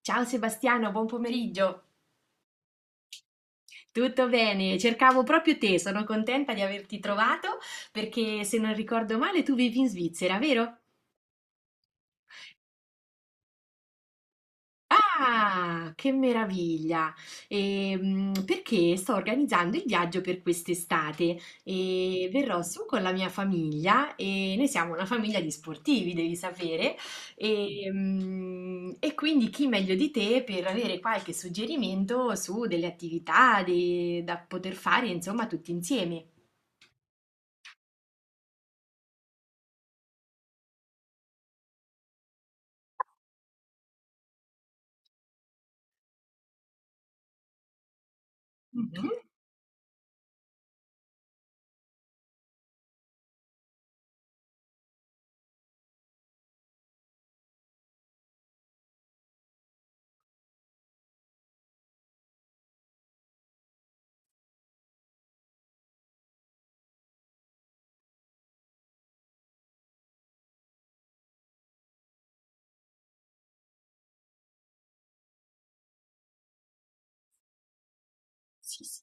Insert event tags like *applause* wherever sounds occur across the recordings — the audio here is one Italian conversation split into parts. Ciao Sebastiano, buon pomeriggio. Tutto bene? Cercavo proprio te, sono contenta di averti trovato perché se non ricordo male tu vivi in Svizzera, vero? Ah, che meraviglia! Perché sto organizzando il viaggio per quest'estate e verrò su con la mia famiglia e noi siamo una famiglia di sportivi, devi sapere, quindi chi meglio di te per avere qualche suggerimento su delle attività da poter fare, insomma, tutti insieme. Mhm. Sì, sì.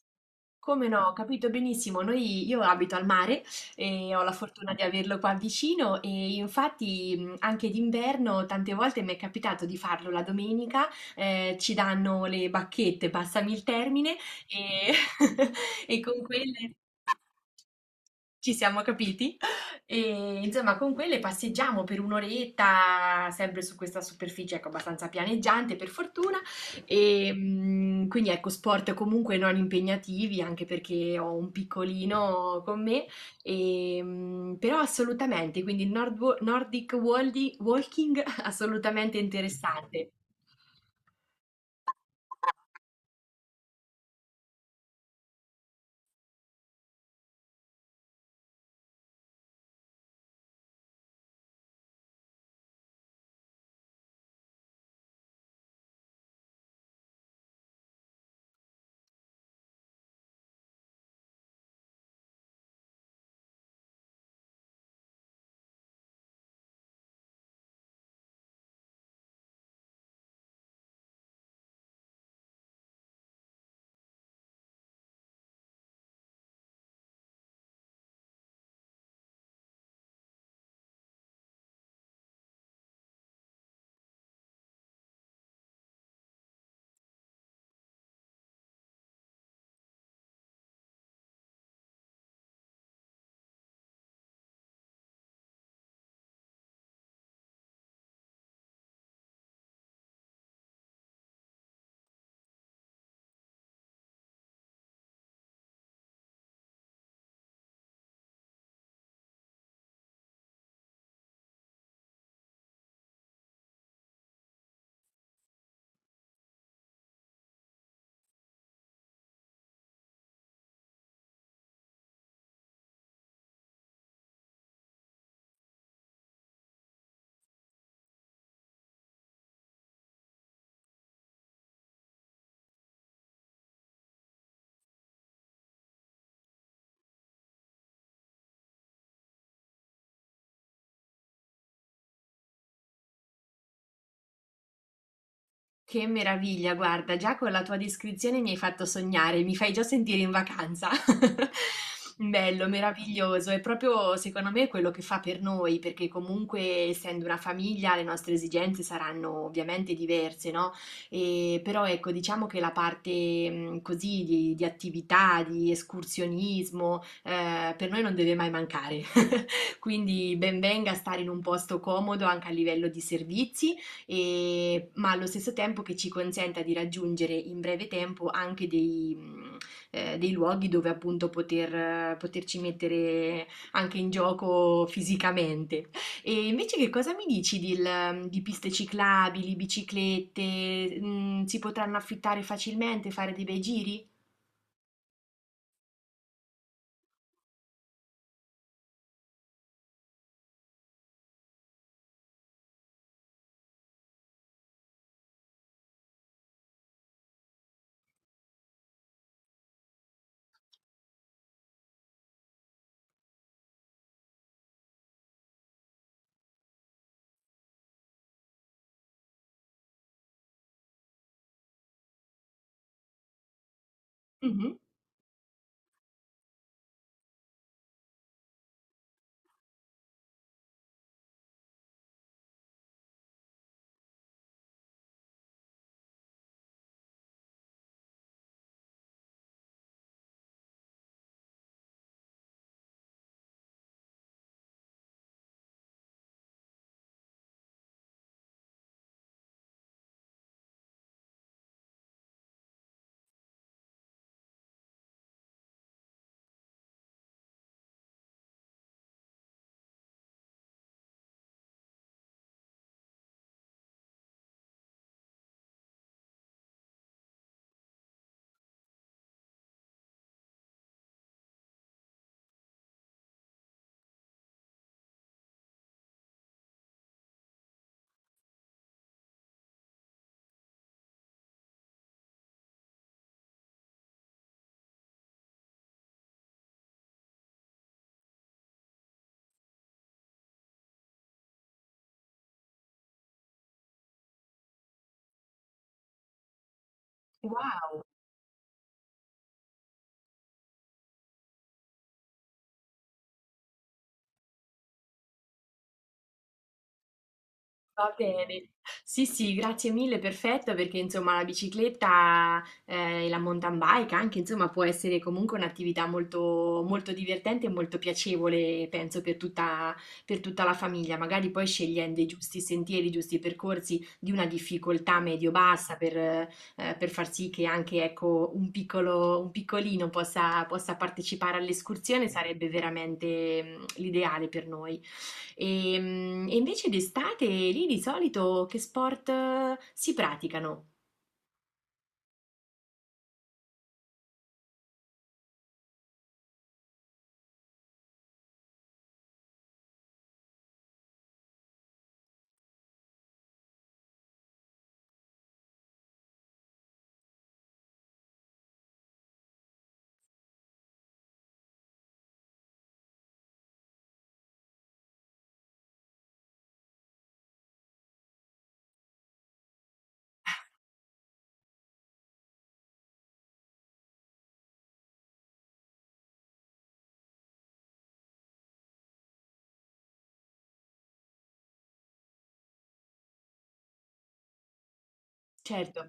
Come no, ho capito benissimo. Noi, io abito al mare e ho la fortuna di averlo qua vicino e infatti anche d'inverno tante volte mi è capitato di farlo la domenica, ci danno le bacchette, passami il termine, e, *laughs* e con quelle ci siamo capiti? E insomma, con quelle passeggiamo per un'oretta, sempre su questa superficie, ecco, abbastanza pianeggiante per fortuna. E quindi ecco, sport comunque non impegnativi, anche perché ho un piccolino con me, però assolutamente, quindi il Nordic Walking *laughs* assolutamente interessante. Che meraviglia, guarda, già con la tua descrizione mi hai fatto sognare, mi fai già sentire in vacanza. *laughs* Bello, meraviglioso, è proprio secondo me quello che fa per noi, perché comunque essendo una famiglia le nostre esigenze saranno ovviamente diverse, no? E, però ecco, diciamo che la parte così di attività, di escursionismo, per noi non deve mai mancare. Quindi ben venga stare in un posto comodo anche a livello di servizi, ma allo stesso tempo che ci consenta di raggiungere in breve tempo anche dei luoghi dove appunto poterci mettere anche in gioco fisicamente. E invece che cosa mi dici di piste ciclabili, biciclette? Si potranno affittare facilmente, fare dei bei giri? Mhm. Wow. Va bene, sì sì, grazie mille, perfetto, perché insomma la bicicletta e la mountain bike anche, insomma, può essere comunque un'attività molto divertente e molto piacevole, penso, per tutta la famiglia, magari poi scegliendo i giusti sentieri, i giusti percorsi di una difficoltà medio-bassa per far sì che anche, ecco, un piccolino possa partecipare all'escursione, sarebbe veramente l'ideale per noi. E invece d'estate lì di solito che sport si praticano? Certo.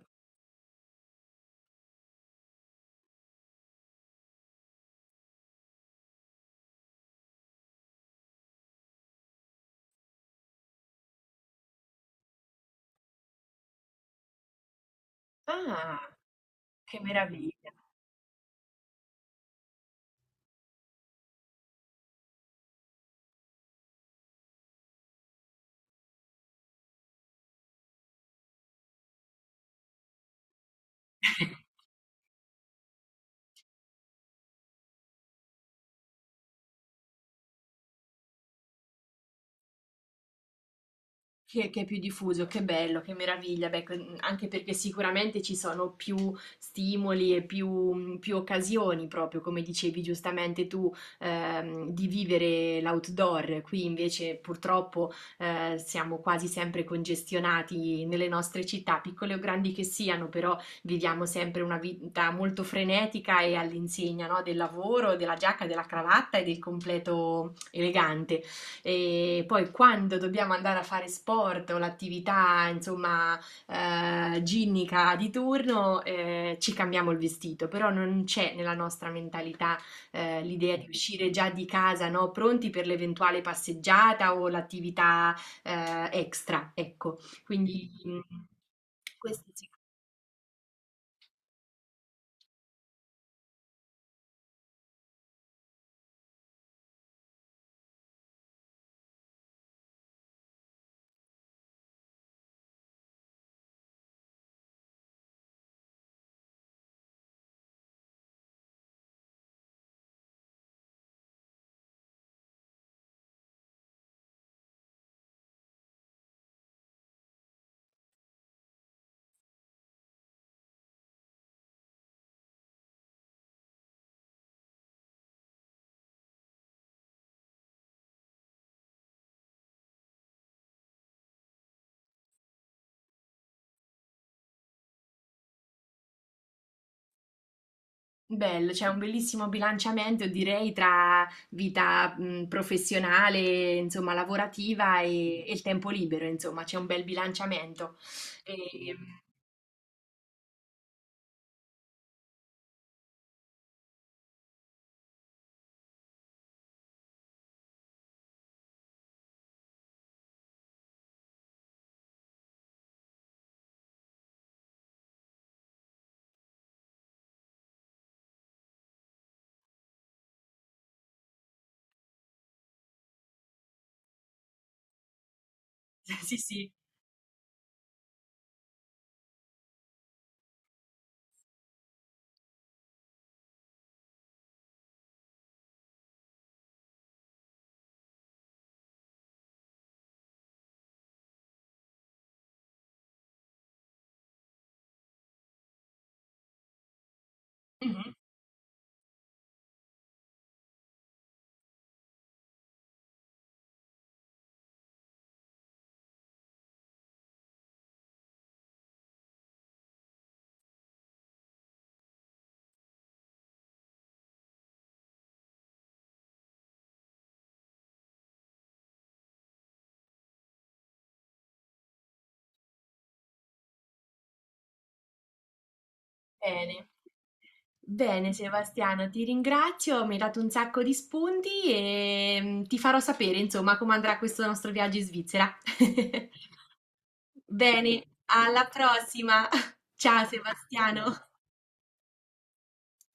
Ah, che meraviglia! *laughs* Che è più diffuso, che bello, che meraviglia, beh, anche perché sicuramente ci sono più stimoli e più occasioni, proprio come dicevi giustamente tu, di vivere l'outdoor. Qui invece purtroppo siamo quasi sempre congestionati nelle nostre città, piccole o grandi che siano, però viviamo sempre una vita molto frenetica e all'insegna, no, del lavoro, della giacca, della cravatta e del completo elegante. E poi quando dobbiamo andare a fare sport o l'attività, insomma, ginnica di turno, ci cambiamo il vestito, però non c'è nella nostra mentalità, l'idea di uscire già di casa, no? Pronti per l'eventuale passeggiata o l'attività, extra, ecco. Quindi, questo sì. Bello, c'è un bellissimo bilanciamento, direi, tra vita, professionale, insomma, lavorativa e il tempo libero, insomma, c'è un bel bilanciamento. E- *laughs* sì, sì. Mhm. Bene. Bene, Sebastiano, ti ringrazio, mi hai dato un sacco di spunti e ti farò sapere, insomma, come andrà questo nostro viaggio in Svizzera. *laughs* Bene, alla prossima. *laughs* Ciao, Sebastiano.